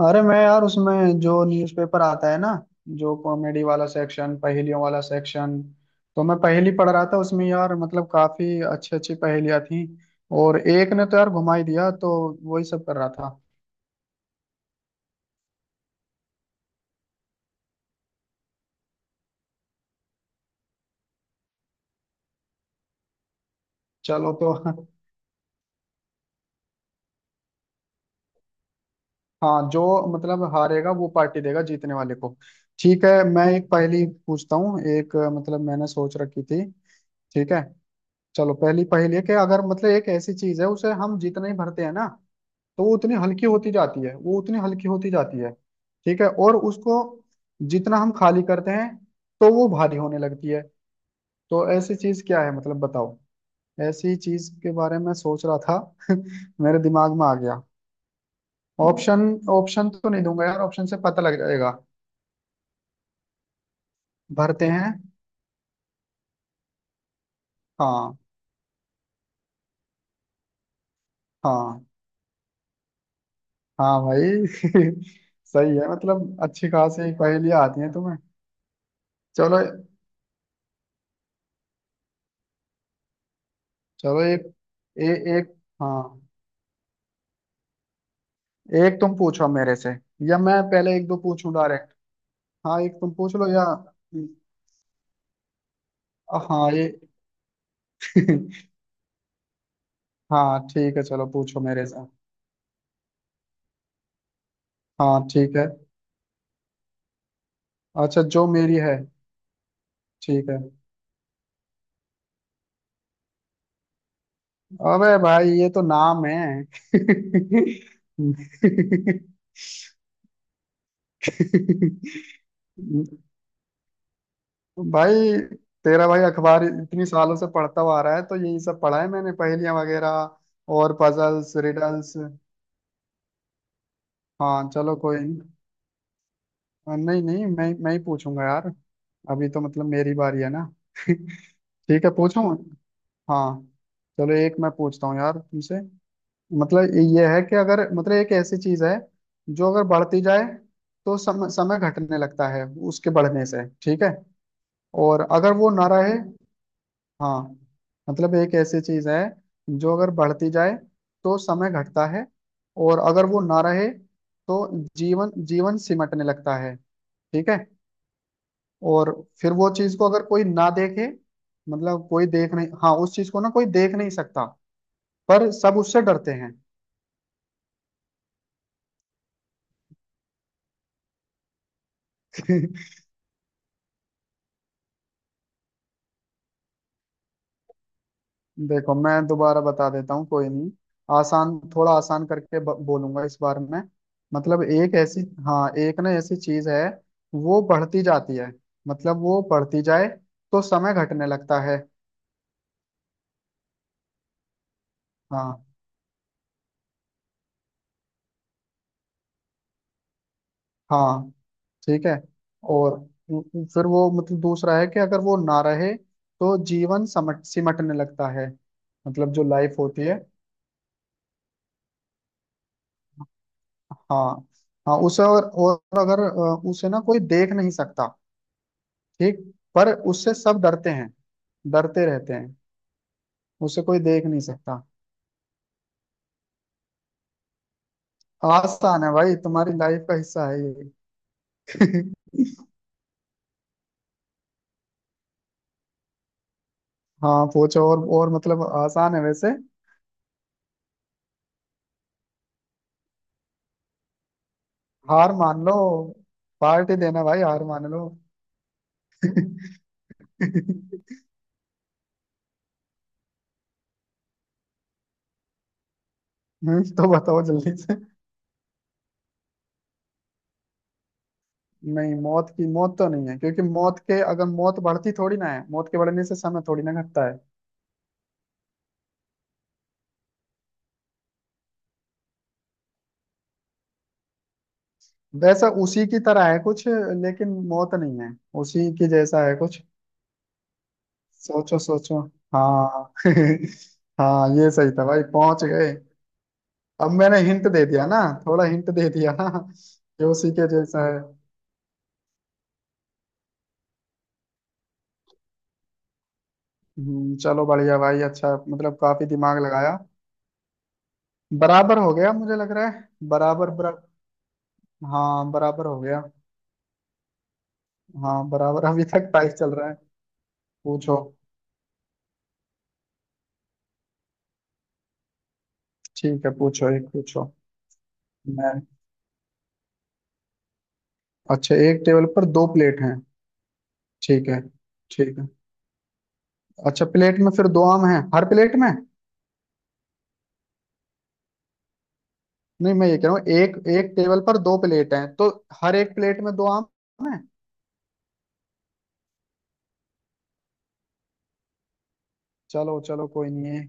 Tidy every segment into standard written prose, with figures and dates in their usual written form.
अरे मैं यार उसमें जो न्यूज़पेपर आता है ना। जो कॉमेडी वाला सेक्शन, पहेलियों वाला सेक्शन। तो मैं पहेली पढ़ रहा था उसमें यार। मतलब काफी अच्छी अच्छी पहेलियां थी और एक ने तो यार घुमा ही दिया। तो वही सब कर रहा था। चलो तो। हाँ। जो मतलब हारेगा वो पार्टी देगा जीतने वाले को। ठीक है, मैं एक पहेली पूछता हूँ। एक मतलब मैंने सोच रखी थी। ठीक है। चलो, पहली पहेली है कि अगर मतलब एक ऐसी चीज है, उसे हम जितना ही भरते हैं ना तो वो उतनी हल्की होती जाती है, वो उतनी हल्की होती जाती है, ठीक है। और उसको जितना हम खाली करते हैं तो वो भारी होने लगती है। तो ऐसी चीज क्या है, मतलब बताओ। ऐसी चीज के बारे में सोच रहा था। मेरे दिमाग में आ गया ऑप्शन। ऑप्शन तो नहीं दूंगा यार, ऑप्शन से पता लग जाएगा। भरते हैं। हाँ। हाँ। हाँ भाई। सही है, मतलब अच्छी खासी पहेलियां आती हैं तुम्हें। चलो। चलो एक ए, एक। हाँ एक तुम पूछो मेरे से या मैं पहले एक दो पूछूं डायरेक्ट। हाँ एक तुम पूछ लो या। हाँ ये। हाँ ठीक है, चलो पूछो मेरे से। हाँ ठीक है। अच्छा, जो मेरी है। ठीक है। अबे भाई, ये तो नाम है। भाई, तेरा भाई अखबार इतनी सालों से पढ़ता हुआ आ रहा है तो यही सब पढ़ा है मैंने, पहेलियां वगैरह और पजल्स रिडल्स। हाँ चलो, कोई नहीं। हाँ, नहीं नहीं, मैं ही पूछूंगा यार। अभी तो मतलब मेरी बारी है ना। ठीक है पूछूं। हाँ चलो, एक मैं पूछता हूँ यार तुमसे। मतलब ये है कि अगर मतलब एक ऐसी चीज है जो अगर बढ़ती जाए तो समय समय घटने लगता है, उसके बढ़ने से, ठीक है। और अगर वो ना रहे। हाँ। मतलब एक ऐसी चीज है जो अगर बढ़ती जाए तो समय घटता है। और अगर वो ना रहे तो जीवन जीवन सिमटने लगता है। ठीक है। और फिर वो चीज को अगर कोई ना देखे, मतलब कोई देख नहीं, हाँ, उस चीज को ना कोई देख नहीं सकता पर सब उससे डरते हैं। देखो, मैं दोबारा बता देता हूँ, कोई नहीं। आसान, थोड़ा आसान करके बोलूंगा इस बार में। मतलब एक ऐसी। हाँ, एक ना ऐसी चीज है, वो बढ़ती जाती है। मतलब वो बढ़ती जाए तो समय घटने लगता है। हाँ। हाँ ठीक है। और फिर वो मतलब दूसरा है कि अगर वो ना रहे तो जीवन समट सिमटने लगता है। मतलब जो लाइफ होती है। हाँ। हाँ उसे और अगर उसे ना कोई देख नहीं सकता। ठीक। पर उससे सब डरते हैं, डरते रहते हैं। उसे कोई देख नहीं सकता। आसान है भाई, तुम्हारी लाइफ का हिस्सा है ये। हाँ पूछो। और मतलब आसान है वैसे। हार मान लो, पार्टी देना भाई, हार मान लो। तो बताओ जल्दी से। नहीं, मौत की, मौत तो नहीं है क्योंकि मौत के, अगर मौत बढ़ती थोड़ी ना है, मौत के बढ़ने से समय थोड़ी ना घटता है। वैसा उसी की तरह है कुछ लेकिन मौत नहीं है। उसी की जैसा है कुछ। सोचो सोचो। हाँ हाँ ये सही था भाई, पहुंच गए। अब मैंने हिंट दे दिया ना। थोड़ा हिंट दे दिया ना, कि उसी के जैसा है। चलो बढ़िया भाई, अच्छा मतलब काफी दिमाग लगाया। बराबर हो गया मुझे लग रहा है। बराबर बरा। हाँ बराबर हो गया। हाँ बराबर, अभी तक टाइस चल रहा है। पूछो। ठीक है पूछो, एक पूछो। मैं। अच्छा, एक टेबल पर दो प्लेट हैं, ठीक है। ठीक है, अच्छा प्लेट में फिर दो आम हैं हर प्लेट में। नहीं मैं ये कह रहा हूँ, एक, एक टेबल पर दो प्लेट हैं तो हर एक प्लेट में दो आम हैं। चलो चलो, कोई नहीं है।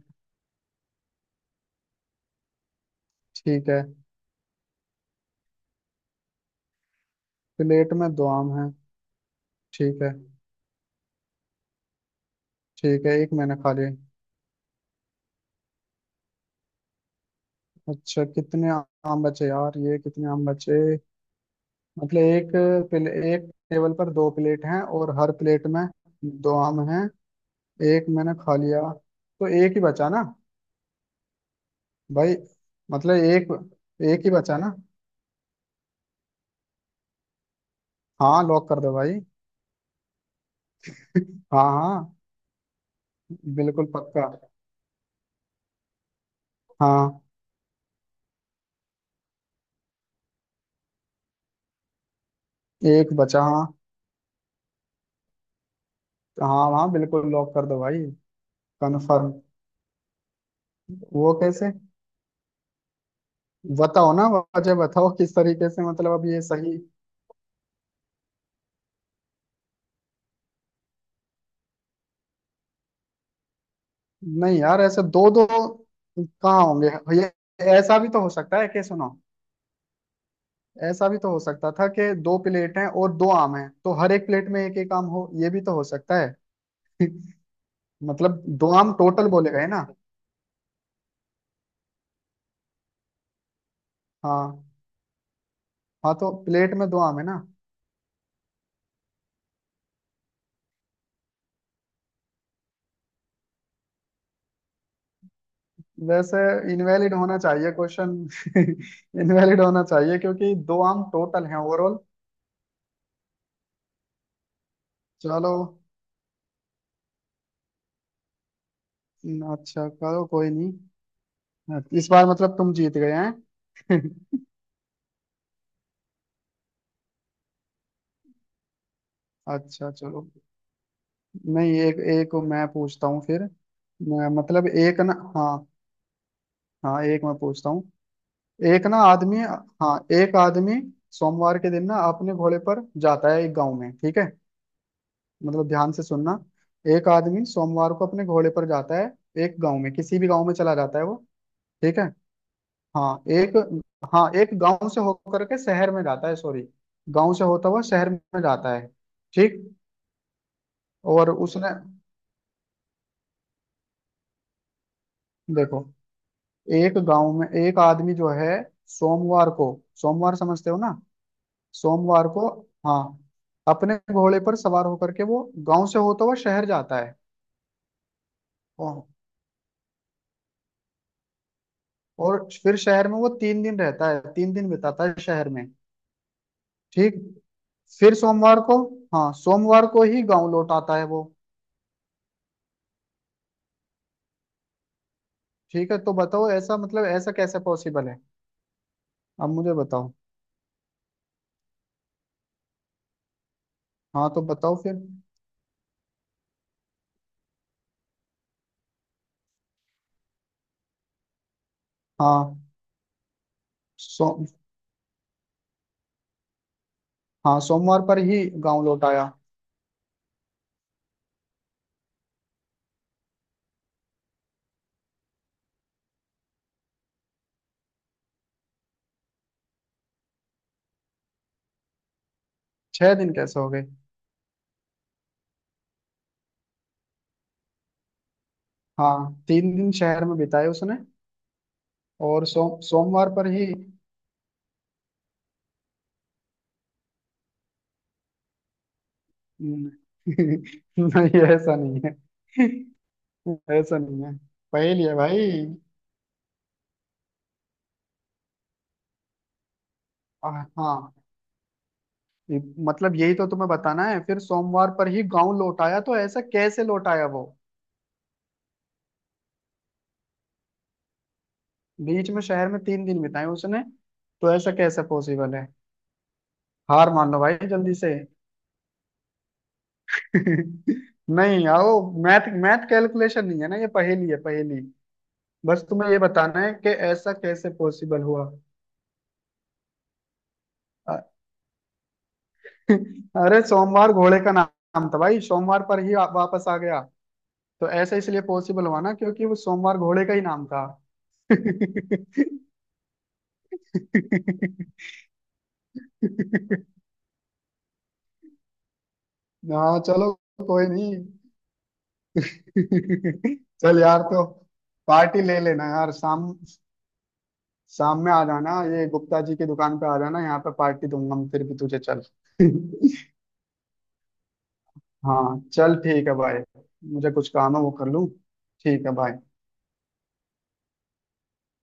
ठीक है। प्लेट में दो आम हैं। ठीक है। ठीक है, एक मैंने खा लिए। अच्छा कितने आम बचे यार, ये कितने आम बचे। मतलब एक एक टेबल पर दो प्लेट हैं और हर प्लेट में दो आम हैं। एक मैंने खा लिया तो एक ही बचा ना भाई। मतलब एक। एक ही बचा ना। हाँ लॉक कर दो भाई। हाँ हाँ। बिल्कुल पक्का। हाँ एक बचा हाँ। हाँ हाँ बिल्कुल लॉक कर दो भाई। कंफर्म। वो कैसे। बताओ ना, वजह बताओ किस तरीके से, मतलब अब ये सही। नहीं यार, ऐसे दो दो कहाँ होंगे। ये, ऐसा भी तो हो सकता है कि सुनो, ऐसा भी तो हो सकता था कि दो प्लेट हैं और दो आम हैं तो हर एक प्लेट में एक एक आम हो, ये भी तो हो सकता है। मतलब दो आम टोटल बोले गए ना। हाँ। हाँ तो प्लेट में दो आम है ना। वैसे इनवैलिड होना चाहिए क्वेश्चन। इनवैलिड होना चाहिए क्योंकि दो आम टोटल हैं ओवरऑल। चलो अच्छा करो, कोई नहीं। इस बार मतलब तुम जीत गए हैं। अच्छा चलो। नहीं एक एक मैं पूछता हूँ फिर। मतलब एक ना, हाँ। हाँ एक मैं पूछता हूँ। एक ना आदमी। हाँ, एक आदमी सोमवार के दिन ना अपने घोड़े पर जाता है एक गांव में, ठीक है। मतलब ध्यान से सुनना। एक आदमी सोमवार को अपने घोड़े पर जाता है एक गांव में, किसी भी गांव में चला जाता है वो। ठीक है। हाँ। एक। हाँ, एक गांव से होकर के शहर में जाता है, सॉरी, गांव से होता हुआ शहर में जाता है। ठीक। और उसने। देखो, एक गांव में एक आदमी जो है सोमवार को, सोमवार समझते हो ना, सोमवार को, हाँ, अपने घोड़े पर सवार होकर के वो गांव से होता हुआ शहर जाता है। ओ, और फिर शहर में वो तीन दिन रहता है, तीन दिन बिताता है शहर में। ठीक। फिर सोमवार को। हाँ सोमवार को ही गांव लौट आता है वो। ठीक है, तो बताओ ऐसा, मतलब ऐसा कैसे पॉसिबल है। अब मुझे बताओ। हाँ तो बताओ फिर। हाँ सो हाँ सोमवार पर ही गांव लौट आया। छह दिन कैसे हो गए। हाँ, तीन दिन शहर में बिताए उसने। और सोमवार पर ही न- नहीं ऐसा नहीं है। ऐसा नहीं है, पहेली है भाई। हाँ ये- मतलब यही तो तुम्हें बताना है। फिर सोमवार पर ही गांव लौट आया तो ऐसा कैसे लौट आया वो। बीच में शहर में तीन दिन बिताए उसने, तो ऐसा कैसे पॉसिबल है। हार मान लो भाई जल्दी से। नहीं आओ, मैथ मैथ कैलकुलेशन नहीं है ना ये, पहेली है पहेली। बस तुम्हें ये बताना है कि ऐसा कैसे पॉसिबल हुआ। अरे सोमवार घोड़े का नाम था भाई, सोमवार पर ही आप वापस आ गया। तो ऐसा इसलिए पॉसिबल हुआ ना क्योंकि वो सोमवार घोड़े का ही नाम था। हाँ चलो, कोई नहीं। चल यार, तो पार्टी ले लेना यार, शाम शाम में आ जाना। ये गुप्ता जी की दुकान पे आ जाना, यहाँ पे पार्टी दूंगा मैं फिर भी तुझे, चल। हाँ चल ठीक है भाई। मुझे कुछ काम है वो कर लूँ। ठीक है भाई।